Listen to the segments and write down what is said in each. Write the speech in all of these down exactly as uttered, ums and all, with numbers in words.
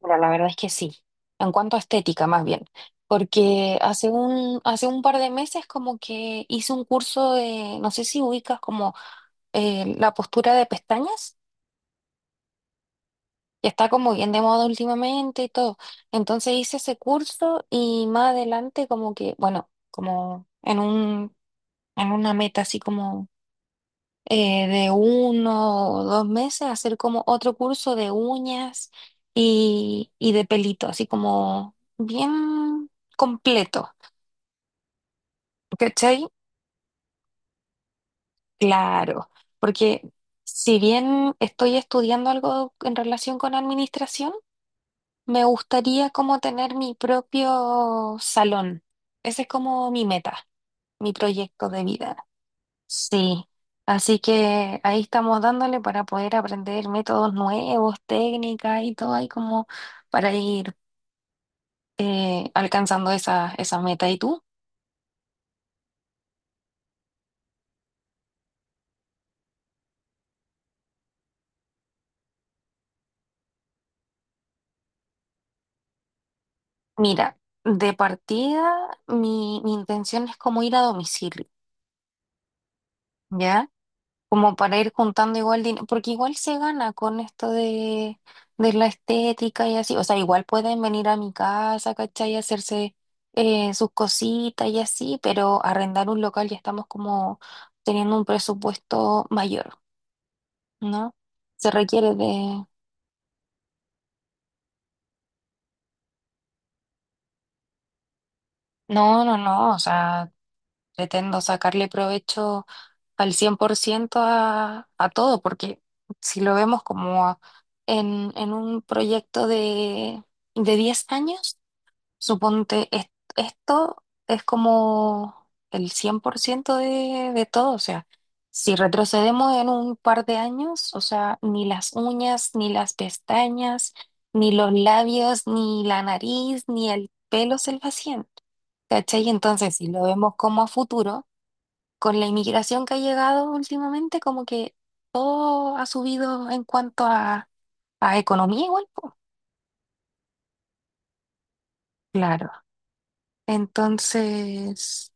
Bueno, la verdad es que sí, en cuanto a estética más bien, porque hace un, hace un par de meses como que hice un curso de, no sé si ubicas como eh, la postura de pestañas, que está como bien de moda últimamente y todo. Entonces hice ese curso y más adelante como que, bueno, como en un, en una meta así como eh, de uno o dos meses, hacer como otro curso de uñas y, y de pelito, así como bien completo, ¿cachai? Claro, porque si bien estoy estudiando algo en relación con administración, me gustaría como tener mi propio salón. Ese es como mi meta, mi proyecto de vida. Sí, así que ahí estamos dándole para poder aprender métodos nuevos, técnicas y todo ahí como para ir eh, alcanzando esa, esa meta. ¿Y tú? Mira, de partida mi, mi intención es como ir a domicilio, ¿ya? Como para ir juntando igual dinero, porque igual se gana con esto de, de la estética y así, o sea, igual pueden venir a mi casa, ¿cachai? Y hacerse eh, sus cositas y así, pero arrendar un local ya estamos como teniendo un presupuesto mayor, ¿no? Se requiere de... No, no, no, o sea... Pretendo sacarle provecho al cien por ciento a, a todo, porque si lo vemos como a- en, en un proyecto de, de diez años, suponte, es- esto es como el cien por ciento de, de todo, o sea, si retrocedemos en un par de años, o sea, ni las uñas, ni las pestañas, ni los labios, ni la nariz, ni el pelo se vacían, ¿cachai? Entonces, si lo vemos como a futuro, con la inmigración que ha llegado últimamente, como que todo ha subido en cuanto a, a economía igual, po. Claro. Entonces...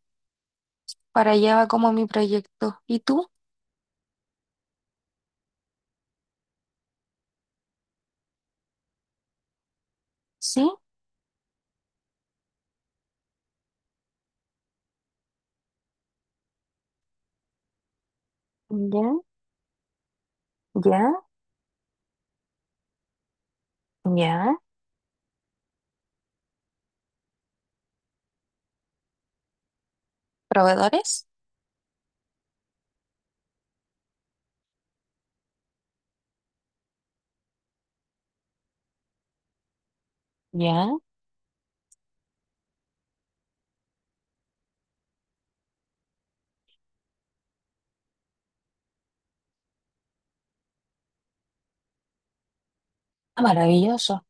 Para allá va como mi proyecto. ¿Y tú? Sí, ya, ya, ya. ¿Proveedores? Ya. Ah, maravilloso.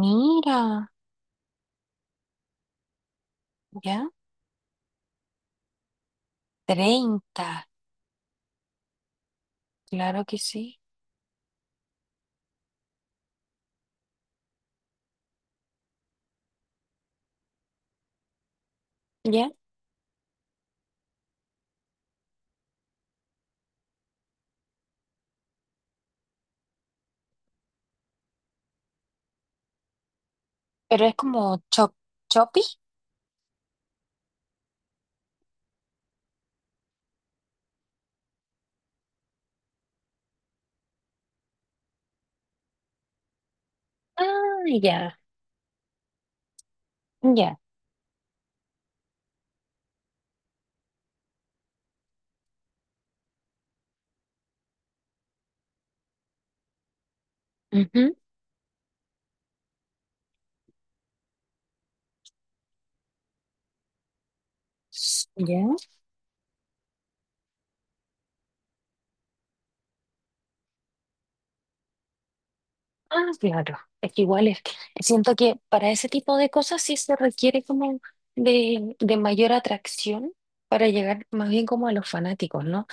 Mira, ya, treinta. Claro que sí. Ya. Pero es como, chop, choppy. Ah, ya, ya, ujú, ya. Ah, claro. Es que igual es que siento que para ese tipo de cosas sí se requiere como de, de mayor atracción para llegar más bien como a los fanáticos, ¿no?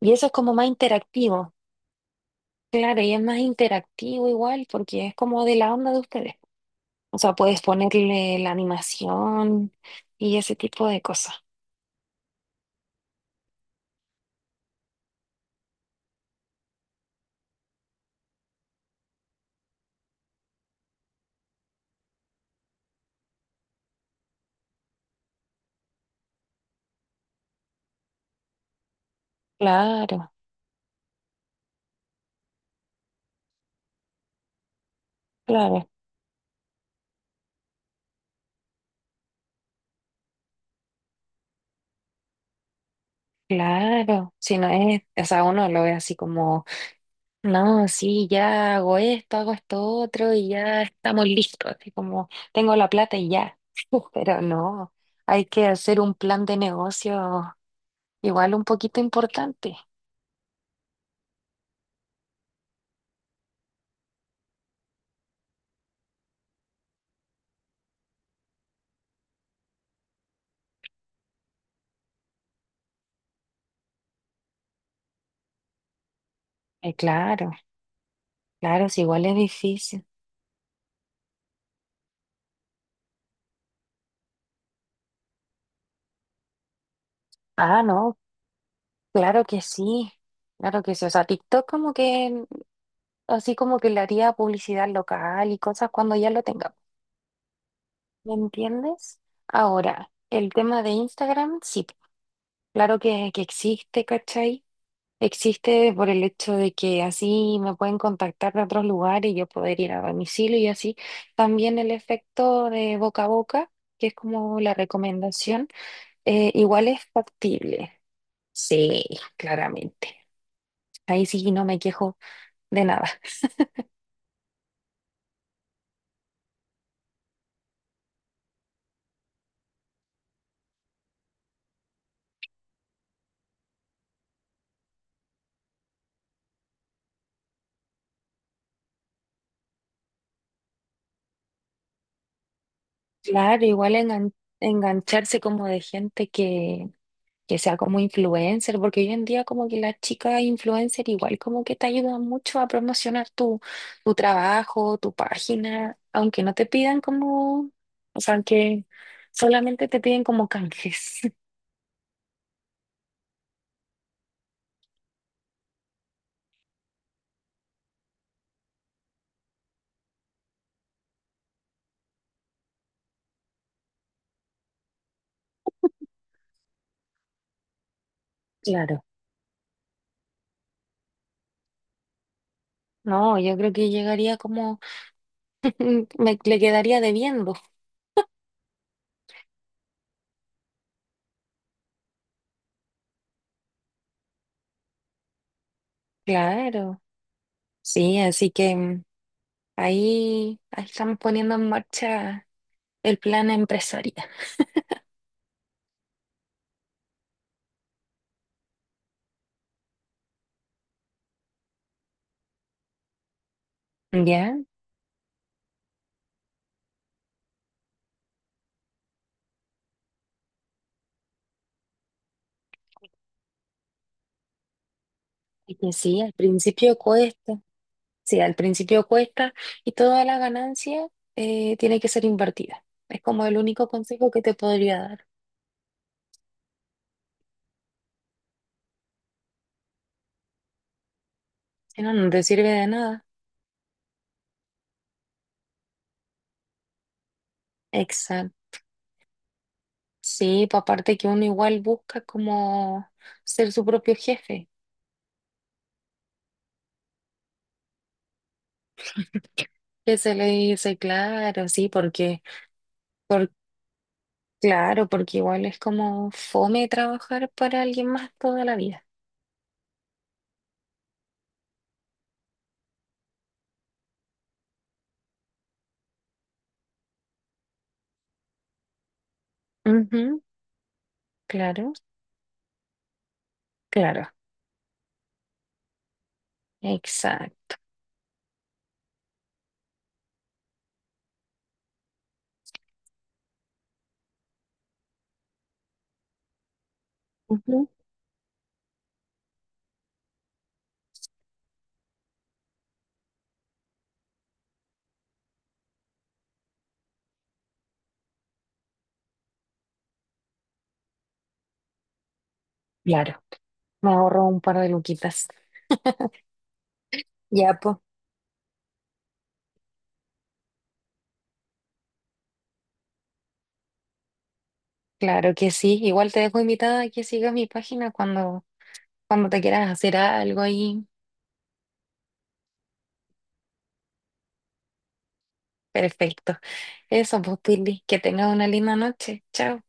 Y eso es como más interactivo. Claro, y es más interactivo igual, porque es como de la onda de ustedes. O sea, puedes ponerle la animación y ese tipo de cosas. Claro, claro, claro. Si no es, o sea, uno lo ve así como, no, sí, ya hago esto, hago esto otro y ya estamos listos. Así como, tengo la plata y ya. Pero no, hay que hacer un plan de negocio igual un poquito importante. Eh, claro, claro, si igual es difícil. Ah, no, claro que sí, claro que sí. O sea, TikTok como que, así como que le haría publicidad local y cosas cuando ya lo tenga. ¿Me entiendes? Ahora, el tema de Instagram, sí, claro que, que existe, ¿cachai? Existe por el hecho de que así me pueden contactar de otros lugares y yo poder ir a domicilio y así. También el efecto de boca a boca, que es como la recomendación, eh, igual es factible. Sí, claramente. Ahí sí no me quejo de nada. Claro, igual engan- engancharse como de gente que, que sea como influencer, porque hoy en día como que las chicas influencer igual como que te ayudan mucho a promocionar tu, tu trabajo, tu página, aunque no te pidan como, o sea, que solamente te piden como canjes. Claro. No, yo creo que llegaría como, me le quedaría debiendo. Claro. Sí, así que mm, ahí, ahí estamos poniendo en marcha el plan empresarial. Ya, y que sí, al principio cuesta, sí, al principio cuesta y toda la ganancia eh, tiene que ser invertida. Es como el único consejo que te podría dar. Si no, no te sirve de nada. Exacto. Sí, pues aparte que uno igual busca como ser su propio jefe, que se le dice, claro, sí, porque, por, claro, porque igual es como fome trabajar para alguien más toda la vida. Ujú, claro, claro, exacto. Ujú, claro. Me ahorro un par de luquitas. Ya, pues, claro que sí. Igual te dejo invitada a que sigas mi página cuando, cuando te quieras hacer algo ahí. Perfecto. Eso, pues, Pili, que tengas una linda noche. Chao.